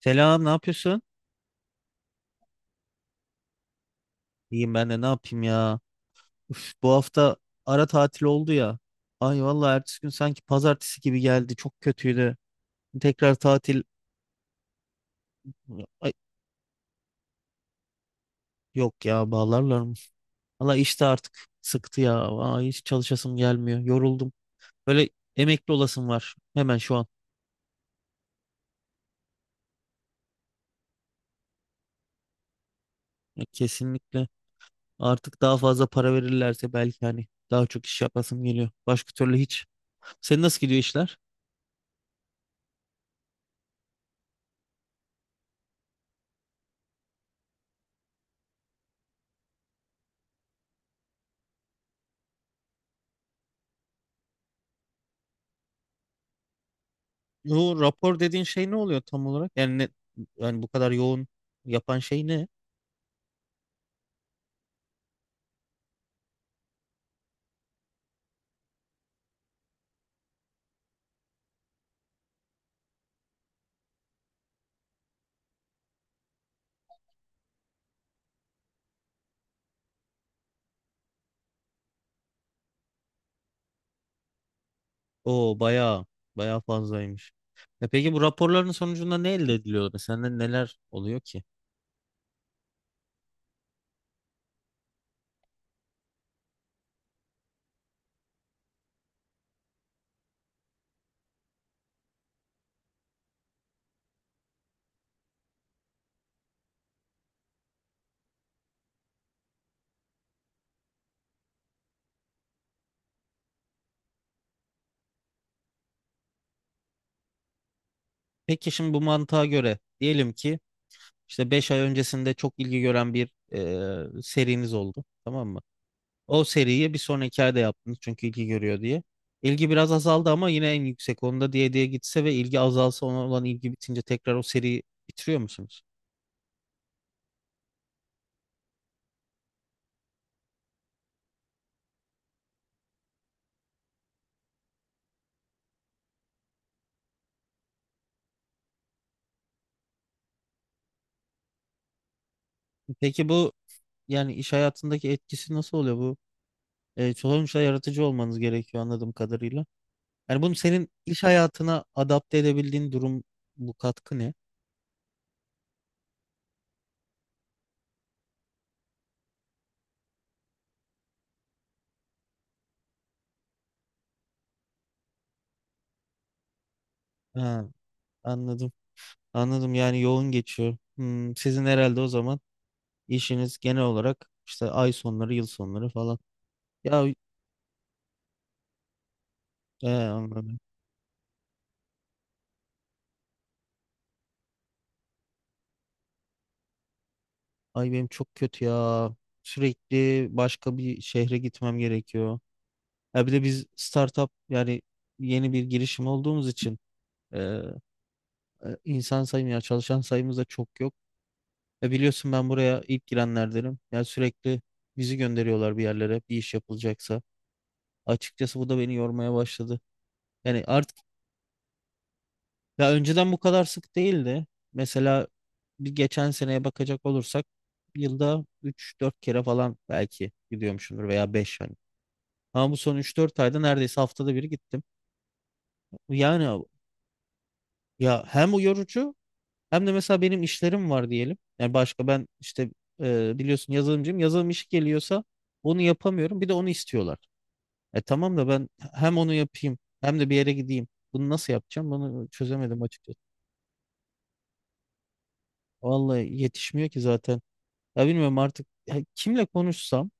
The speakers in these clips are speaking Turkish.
Selam, ne yapıyorsun? İyiyim ben de ne yapayım ya. Üf, bu hafta ara tatil oldu ya. Ay vallahi ertesi gün sanki pazartesi gibi geldi. Çok kötüydü. Tekrar tatil. Ay, yok ya bağlarlar mı? Valla işte artık sıktı ya. Ay, hiç çalışasım gelmiyor. Yoruldum. Böyle emekli olasım var. Hemen şu an. Ya, kesinlikle. Artık daha fazla para verirlerse belki hani daha çok iş yapasım geliyor. Başka türlü hiç. Senin nasıl gidiyor işler? Bu rapor dediğin şey ne oluyor tam olarak? Yani bu kadar yoğun yapan şey ne? O bayağı fazlaymış. E peki bu raporların sonucunda ne elde ediliyor? Mesela neler oluyor ki? Peki şimdi bu mantığa göre diyelim ki işte 5 ay öncesinde çok ilgi gören bir seriniz oldu. Tamam mı? O seriyi bir sonraki ayda yaptınız çünkü ilgi görüyor diye. İlgi biraz azaldı ama yine en yüksek onda diye diye gitse ve ilgi azalsa ona olan ilgi bitince tekrar o seriyi bitiriyor musunuz? Peki bu yani iş hayatındaki etkisi nasıl oluyor bu? Sonuçta yaratıcı olmanız gerekiyor anladığım kadarıyla. Yani bunu senin iş hayatına adapte edebildiğin durum bu katkı ne? Ha, anladım. Anladım yani yoğun geçiyor. Hmm, sizin herhalde o zaman işiniz genel olarak işte ay sonları, yıl sonları falan. Ya anladım. Ay benim çok kötü ya. Sürekli başka bir şehre gitmem gerekiyor. Ya bir de biz startup yani yeni bir girişim olduğumuz için e, insan sayımı ya çalışan sayımız da çok yok. E biliyorsun ben buraya ilk girenlerdenim. Ya sürekli bizi gönderiyorlar bir yerlere bir iş yapılacaksa. Açıkçası bu da beni yormaya başladı. Yani artık ya önceden bu kadar sık değildi. Mesela bir geçen seneye bakacak olursak yılda 3-4 kere falan belki gidiyormuşumdur veya 5 Ama bu son 3-4 ayda neredeyse haftada bir gittim. Yani ya hem o yorucu hem de mesela benim işlerim var diyelim. Yani başka ben işte biliyorsun yazılımcıyım. Yazılım işi geliyorsa onu yapamıyorum. Bir de onu istiyorlar. E tamam da ben hem onu yapayım hem de bir yere gideyim. Bunu nasıl yapacağım? Bunu çözemedim açıkçası. Vallahi yetişmiyor ki zaten. Ya bilmiyorum artık ya kimle konuşsam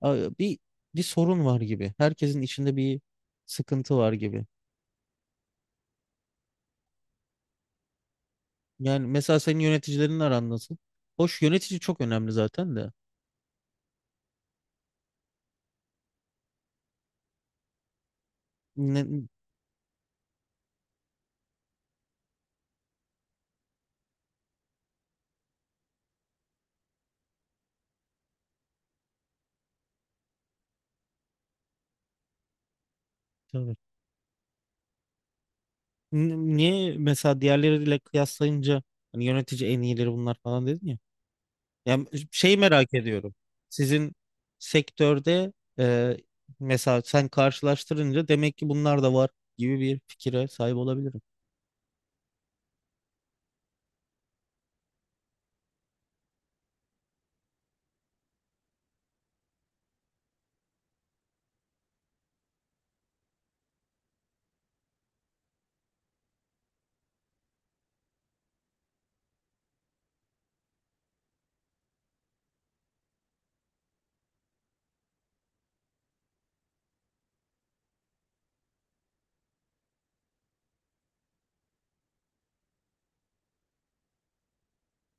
a, bir bir sorun var gibi. Herkesin içinde bir sıkıntı var gibi. Yani mesela senin yöneticilerin aran nasıl? Hoş yönetici çok önemli zaten de. Ne, tabii. Niye mesela diğerleriyle kıyaslayınca hani yönetici en iyileri bunlar falan dedin ya. Yani şey merak ediyorum. Sizin sektörde e, mesela sen karşılaştırınca demek ki bunlar da var gibi bir fikire sahip olabilirim.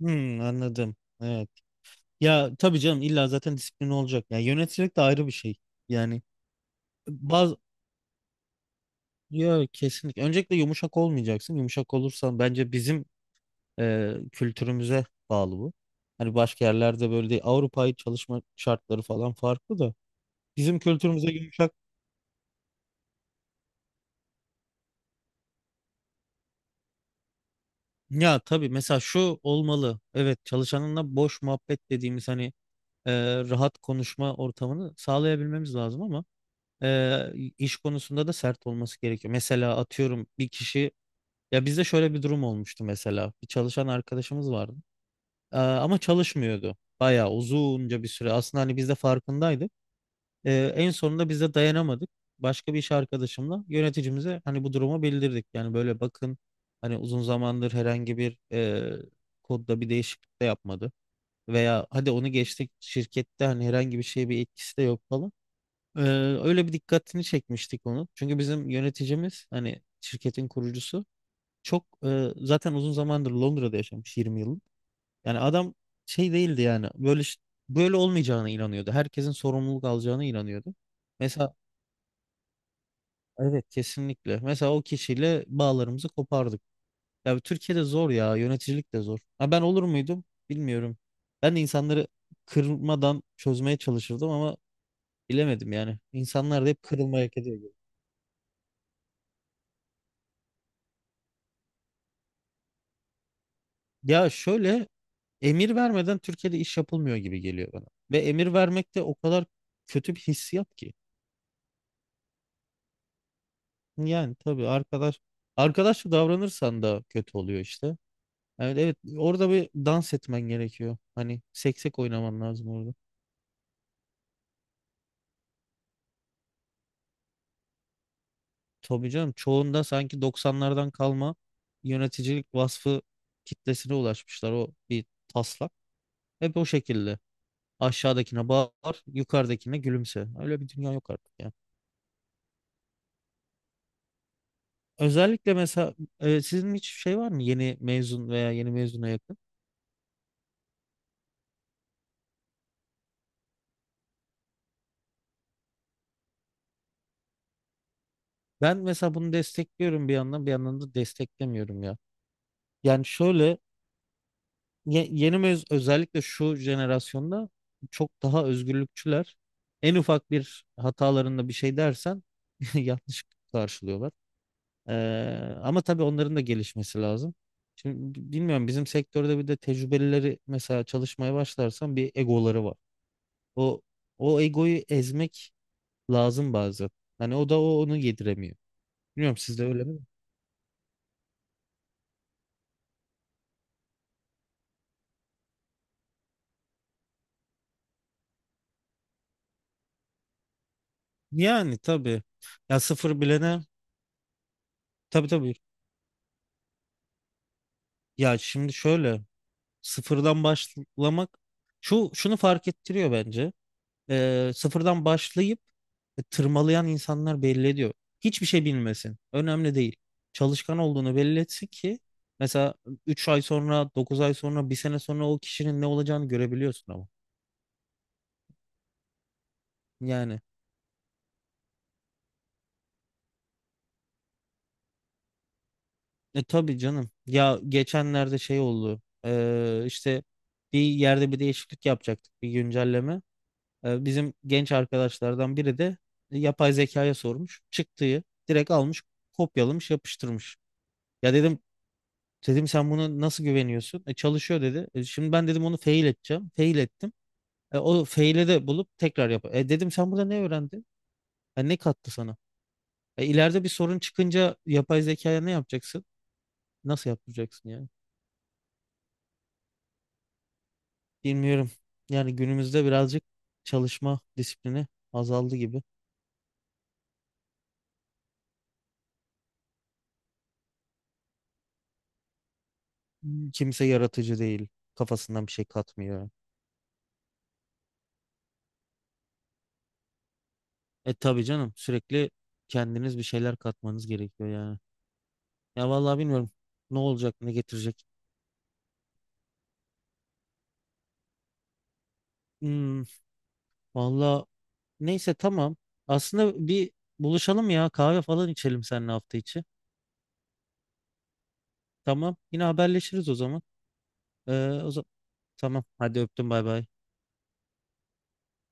Hmm, anladım. Evet. Ya tabii canım illa zaten disiplin olacak. Yani yöneticilik de ayrı bir şey. Yani bazı Ya kesinlikle. Öncelikle yumuşak olmayacaksın. Yumuşak olursan bence bizim kültürümüze bağlı bu. Hani başka yerlerde böyle değil. Avrupa'yı çalışma şartları falan farklı da. Bizim kültürümüze yumuşak. Ya tabii mesela şu olmalı. Evet çalışanınla boş muhabbet dediğimiz hani e, rahat konuşma ortamını sağlayabilmemiz lazım ama e, iş konusunda da sert olması gerekiyor. Mesela atıyorum bir kişi ya bizde şöyle bir durum olmuştu mesela. Bir çalışan arkadaşımız vardı. Ama çalışmıyordu. Bayağı uzunca bir süre. Aslında hani biz de farkındaydık. En sonunda biz de dayanamadık. Başka bir iş arkadaşımla yöneticimize hani bu durumu bildirdik. Yani böyle bakın hani uzun zamandır herhangi bir kodda bir değişiklik de yapmadı. Veya hadi onu geçtik şirkette hani herhangi bir şeye bir etkisi de yok falan. Ee, öyle bir dikkatini çekmiştik onu. Çünkü bizim yöneticimiz hani şirketin kurucusu çok zaten uzun zamandır Londra'da yaşamış 20 yıl. Yani adam şey değildi yani böyle böyle olmayacağına inanıyordu. Herkesin sorumluluk alacağına inanıyordu. Mesela evet kesinlikle. Mesela o kişiyle bağlarımızı kopardık. Ya Türkiye'de zor ya yöneticilik de zor. Ha ben olur muydum bilmiyorum. Ben de insanları kırmadan çözmeye çalışırdım ama bilemedim yani. İnsanlar da hep kırılmayı hak ediyor gibi. Ya şöyle emir vermeden Türkiye'de iş yapılmıyor gibi geliyor bana. Ve emir vermek de o kadar kötü bir hissiyat ki. Yani tabii arkadaşça davranırsan da kötü oluyor işte. Evet evet orada bir dans etmen gerekiyor. Hani seksek oynaman lazım orada. Tabii canım çoğunda sanki doksanlardan kalma yöneticilik vasfı kitlesine ulaşmışlar o bir taslak. Hep o şekilde. Aşağıdakine bağır, yukarıdakine gülümse. Öyle bir dünya yok artık ya. Özellikle mesela sizin hiç şey var mı yeni mezun veya yeni mezuna yakın? Ben mesela bunu destekliyorum bir yandan bir yandan da desteklemiyorum ya. Yani şöyle ye- yeni mez özellikle şu jenerasyonda çok daha özgürlükçüler. En ufak bir hatalarında bir şey dersen yanlış karşılıyorlar. Ee, ama tabii onların da gelişmesi lazım. Şimdi bilmiyorum bizim sektörde bir de tecrübelileri mesela çalışmaya başlarsan bir egoları var. O o egoyu ezmek lazım bazen. Hani o da o onu yediremiyor. Bilmiyorum sizde öyle mi? Yani tabii. Ya sıfır bilene tabii tabii. Ya şimdi şöyle. Sıfırdan başlamak şunu fark ettiriyor bence. Sıfırdan başlayıp tırmalayan insanlar belli ediyor. Hiçbir şey bilmesin. Önemli değil. Çalışkan olduğunu belli etsin ki mesela 3 ay sonra, 9 ay sonra, bir sene sonra o kişinin ne olacağını görebiliyorsun ama. Yani tabii canım. Ya geçenlerde şey oldu. İşte bir yerde bir değişiklik yapacaktık, bir güncelleme. E, bizim genç arkadaşlardan biri de yapay zekaya sormuş. Çıktığı direkt almış, kopyalamış, yapıştırmış. Ya dedim sen bunu nasıl güveniyorsun? E, çalışıyor dedi. E, şimdi ben dedim onu fail edeceğim. Fail ettim. E, o fail'i de bulup tekrar yap. E, dedim sen burada ne öğrendin? E, ne kattı sana? E, ileride bir sorun çıkınca yapay zekaya ne yapacaksın? Nasıl yaptıracaksın yani? Bilmiyorum. Yani günümüzde birazcık çalışma disiplini azaldı gibi. Kimse yaratıcı değil. Kafasından bir şey katmıyor. E tabii canım sürekli kendiniz bir şeyler katmanız gerekiyor yani. Ya vallahi bilmiyorum ne olacak ne getirecek. Hmm, vallahi neyse tamam. Aslında bir buluşalım ya kahve falan içelim seninle hafta içi. Tamam yine haberleşiriz o zaman. Ee, o zaman tamam hadi öptüm bay bay.